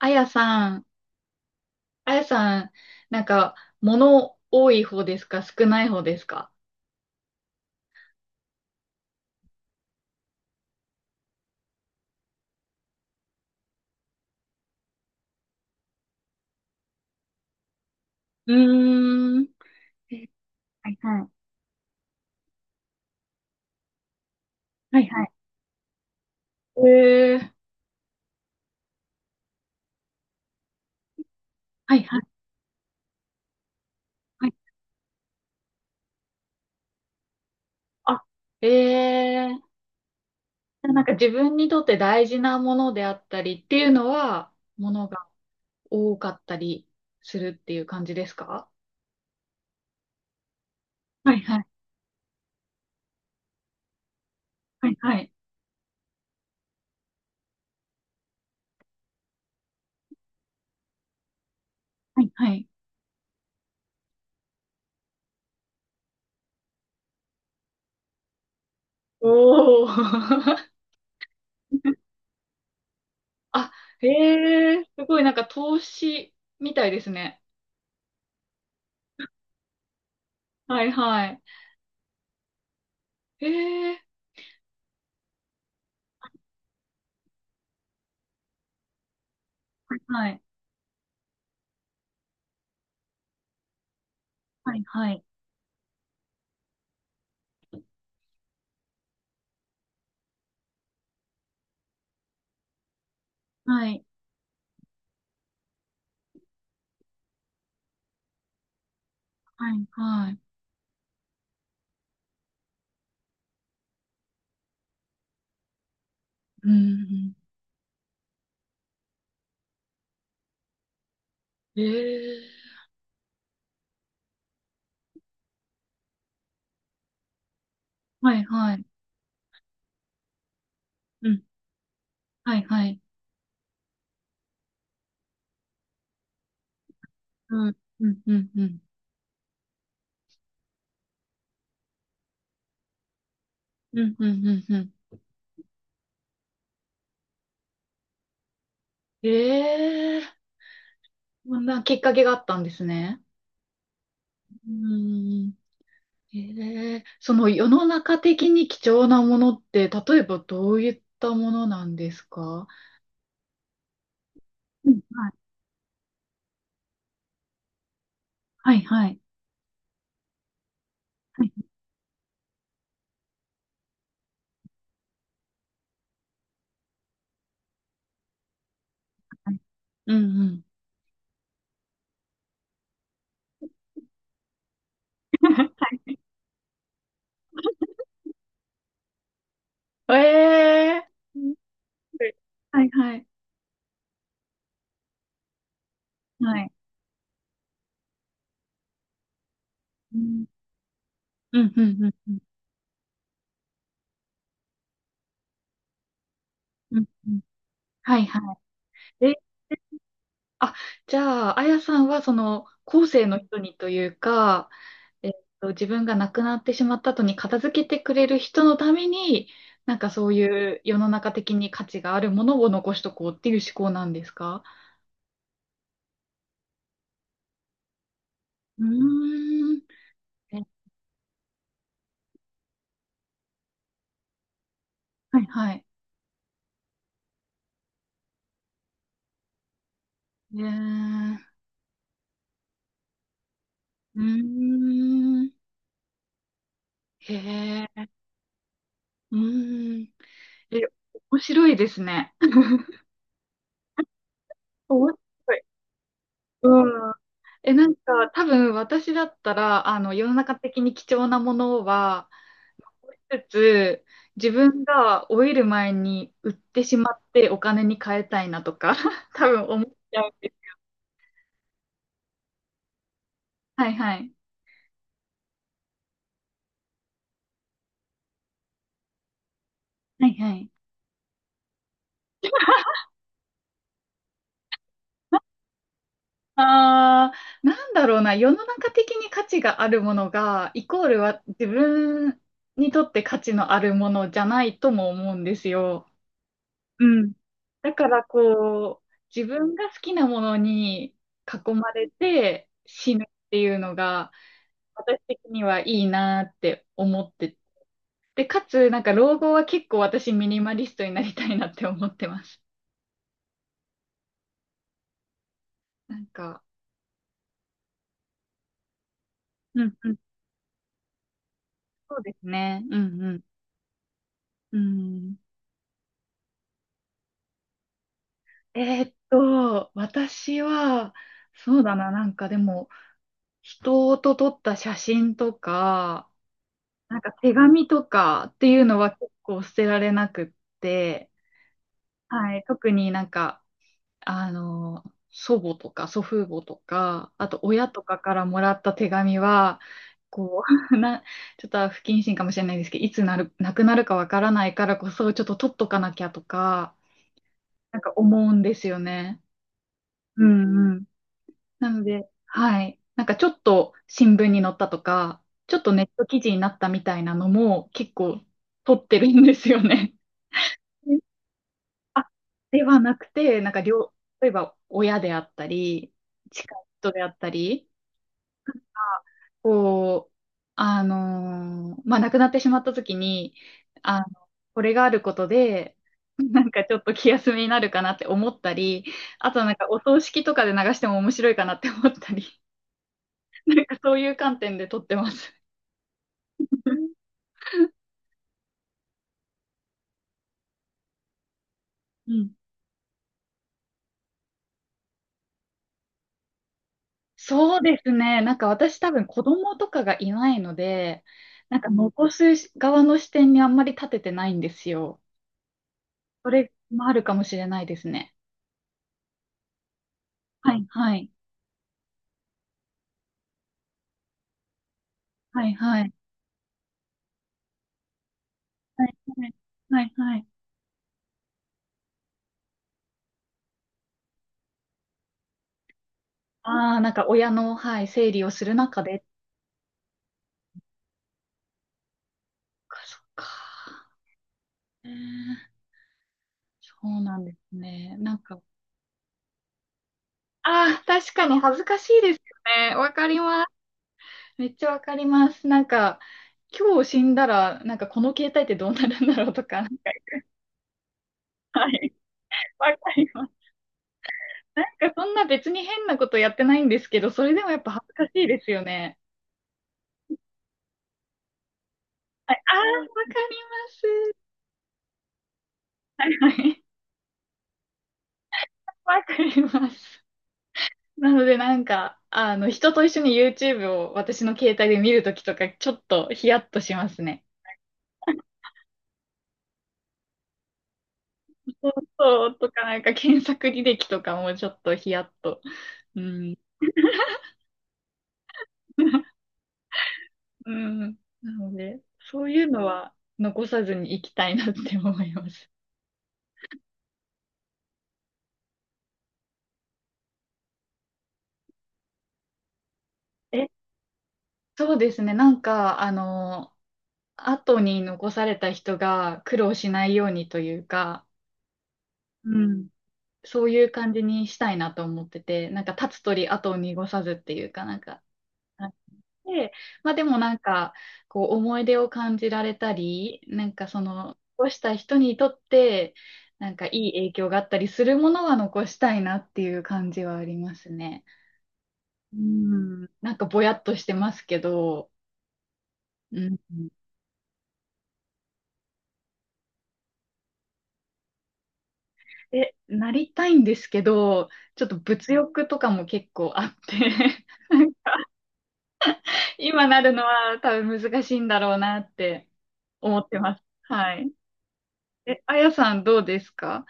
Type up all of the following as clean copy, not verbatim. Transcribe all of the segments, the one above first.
あやさん、あやさん、なんか、物多い方ですか、少ない方ですか？うーん。えはいはい。はいはい。えー、はいはい。はいあ、えー、なんか自分にとって大事なものであったりっていうのは、物が多かったりするっていう感じですか？はいはい。はいはい、はいはい。おー。あ、へえー、すごいなんか投資みたいですね。はいはい。ええ、はい。はい、はい。はい、はい、はい。うん、ええ、はい、はい。うん、はい、はい。うん、うん、うん、うん。うん、うん、うん。ええ。こんなきっかけがあったんですね。うん。ええ、その世の中的に貴重なものって、例えばどういったものなんですか？うん、はい、はい、はい。はい、はい。うんうん。ええ、はい、はい、はい。うんうん、うん、うん、うん、うんうん。はい、はい。あ、じゃあ、あやさんは、その、後世の人にというか、えっ自分が亡くなってしまった後に片付けてくれる人のために、なんかそういう世の中的に価値があるものを残しとこうっていう思考なんですか？うーん。えはい、はい。えー、うーん。へえ、うーん。え、面白いですね。面白い。うん。なんか、多分私だったら、あの、世の中的に貴重なものは、つつ、自分が老いる前に売ってしまってお金に変えたいなとか、多分思っちゃうんです。はいはい。はいはい。あー、なんだろうな、世の中的に価値があるものが、イコールは自分にとって価値のあるものじゃないとも思うんですよ。うん。だからこう、自分が好きなものに囲まれて死ぬっていうのが、私的にはいいなって思って。で、かつ、なんか老後は結構私ミニマリストになりたいなって思ってます。なんか、うんうん、そうですね。うんうん。うん。私は、そうだな、なんかでも、人と撮った写真とか、なんか手紙とかっていうのは結構捨てられなくって、はい、特になんか、あの、祖母とか祖父母とか、あと親とかからもらった手紙は、こう、ちょっと不謹慎かもしれないですけど、いつなる、なくなるかわからないからこそ、ちょっと取っとかなきゃとか、なんか思うんですよね。うんうん。なので、はい。なんかちょっと新聞に載ったとか、ちょっとネット記事になったみたいなのも結構取ってるんですよね。ではなくて、なんか例えば親であったり、近い人であったりが、こう、まあ、亡くなってしまった時に、あの、これがあることで、なんかちょっと気休めになるかなって思ったり、あとなんかお葬式とかで流しても面白いかなって思ったり、なんかそういう観点で撮ってます。うん。そうですね。なんか私多分子供とかがいないので、なんか残す側の視点にあんまり立ててないんですよ。それもあるかもしれないですね。はい、はい。はい、はい。はい、はい。はい、はい。ああ、なんか親の、はい、整理をする中で。そっか、そっか。えーそうなんですね。なんか、ああ、確かに恥ずかしいですよね。わかります。めっちゃわかります。なんか、今日死んだら、なんかこの携帯ってどうなるんだろうとか、なんか、はい、わかります。なんかそんな別に変なことやってないんですけど、それでもやっぱ恥ずかしいですよね。はい、ああ、わかります。はいはい。わかります。なのでなんか、人と一緒に YouTube を私の携帯で見るときとか、ちょっとヒヤッとしますね。そうそうとか、なんか検索履歴とかもちょっとヒヤッと。うんうん。なので、そういうのは残さずに行きたいなって思います。え、そうですね。なんか、後に残された人が苦労しないようにというか、うん、そういう感じにしたいなと思ってて、なんか、立つ鳥後を濁さずっていうかなんか、あ、で、まあでもなんか、こう思い出を感じられたり、なんかその、残した人にとって、なんかいい影響があったりするものは残したいなっていう感じはありますね。うん、なんかぼやっとしてますけど、うん。で、なりたいんですけど、ちょっと物欲とかも結構あって 今なるのは多分難しいんだろうなって思ってます。はい。あやさん、どうですか？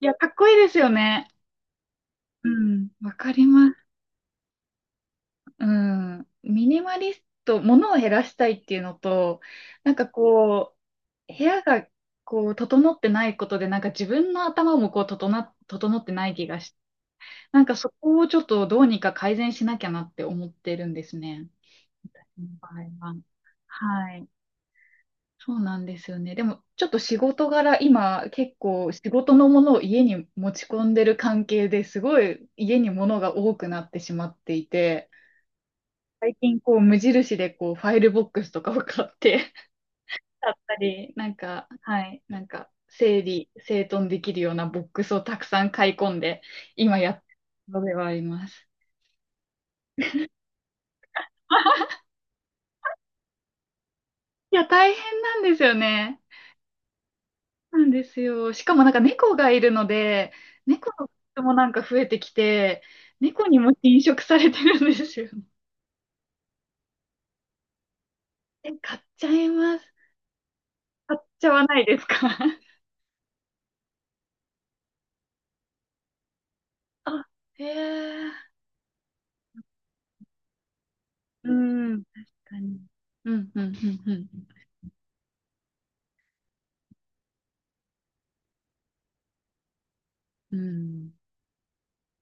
いや、かっこいいですよね。うん、わかります。うん。ミニマリスト、物を減らしたいっていうのと、なんかこう、部屋がこう、整ってないことで、なんか自分の頭もこう、整ってない気がして、なんかそこをちょっとどうにか改善しなきゃなって思ってるんですね。場合は。はい。そうなんですよね。でも、ちょっと仕事柄、今、結構仕事のものを家に持ち込んでる関係ですごい家に物が多くなってしまっていて、最近こう無印でこうファイルボックスとかを買って だったり、なんか、はい、なんか整理、整頓できるようなボックスをたくさん買い込んで、今やってるのではあります。いや、大変なんですよね。なんですよ。しかもなんか猫がいるので、猫の人もなんか増えてきて、猫にも侵食されてるんですよ。え、買っちゃいます。買っちゃわないですか？ あ、へえ。うん、確かに。うん、うん、うん、うん。うん。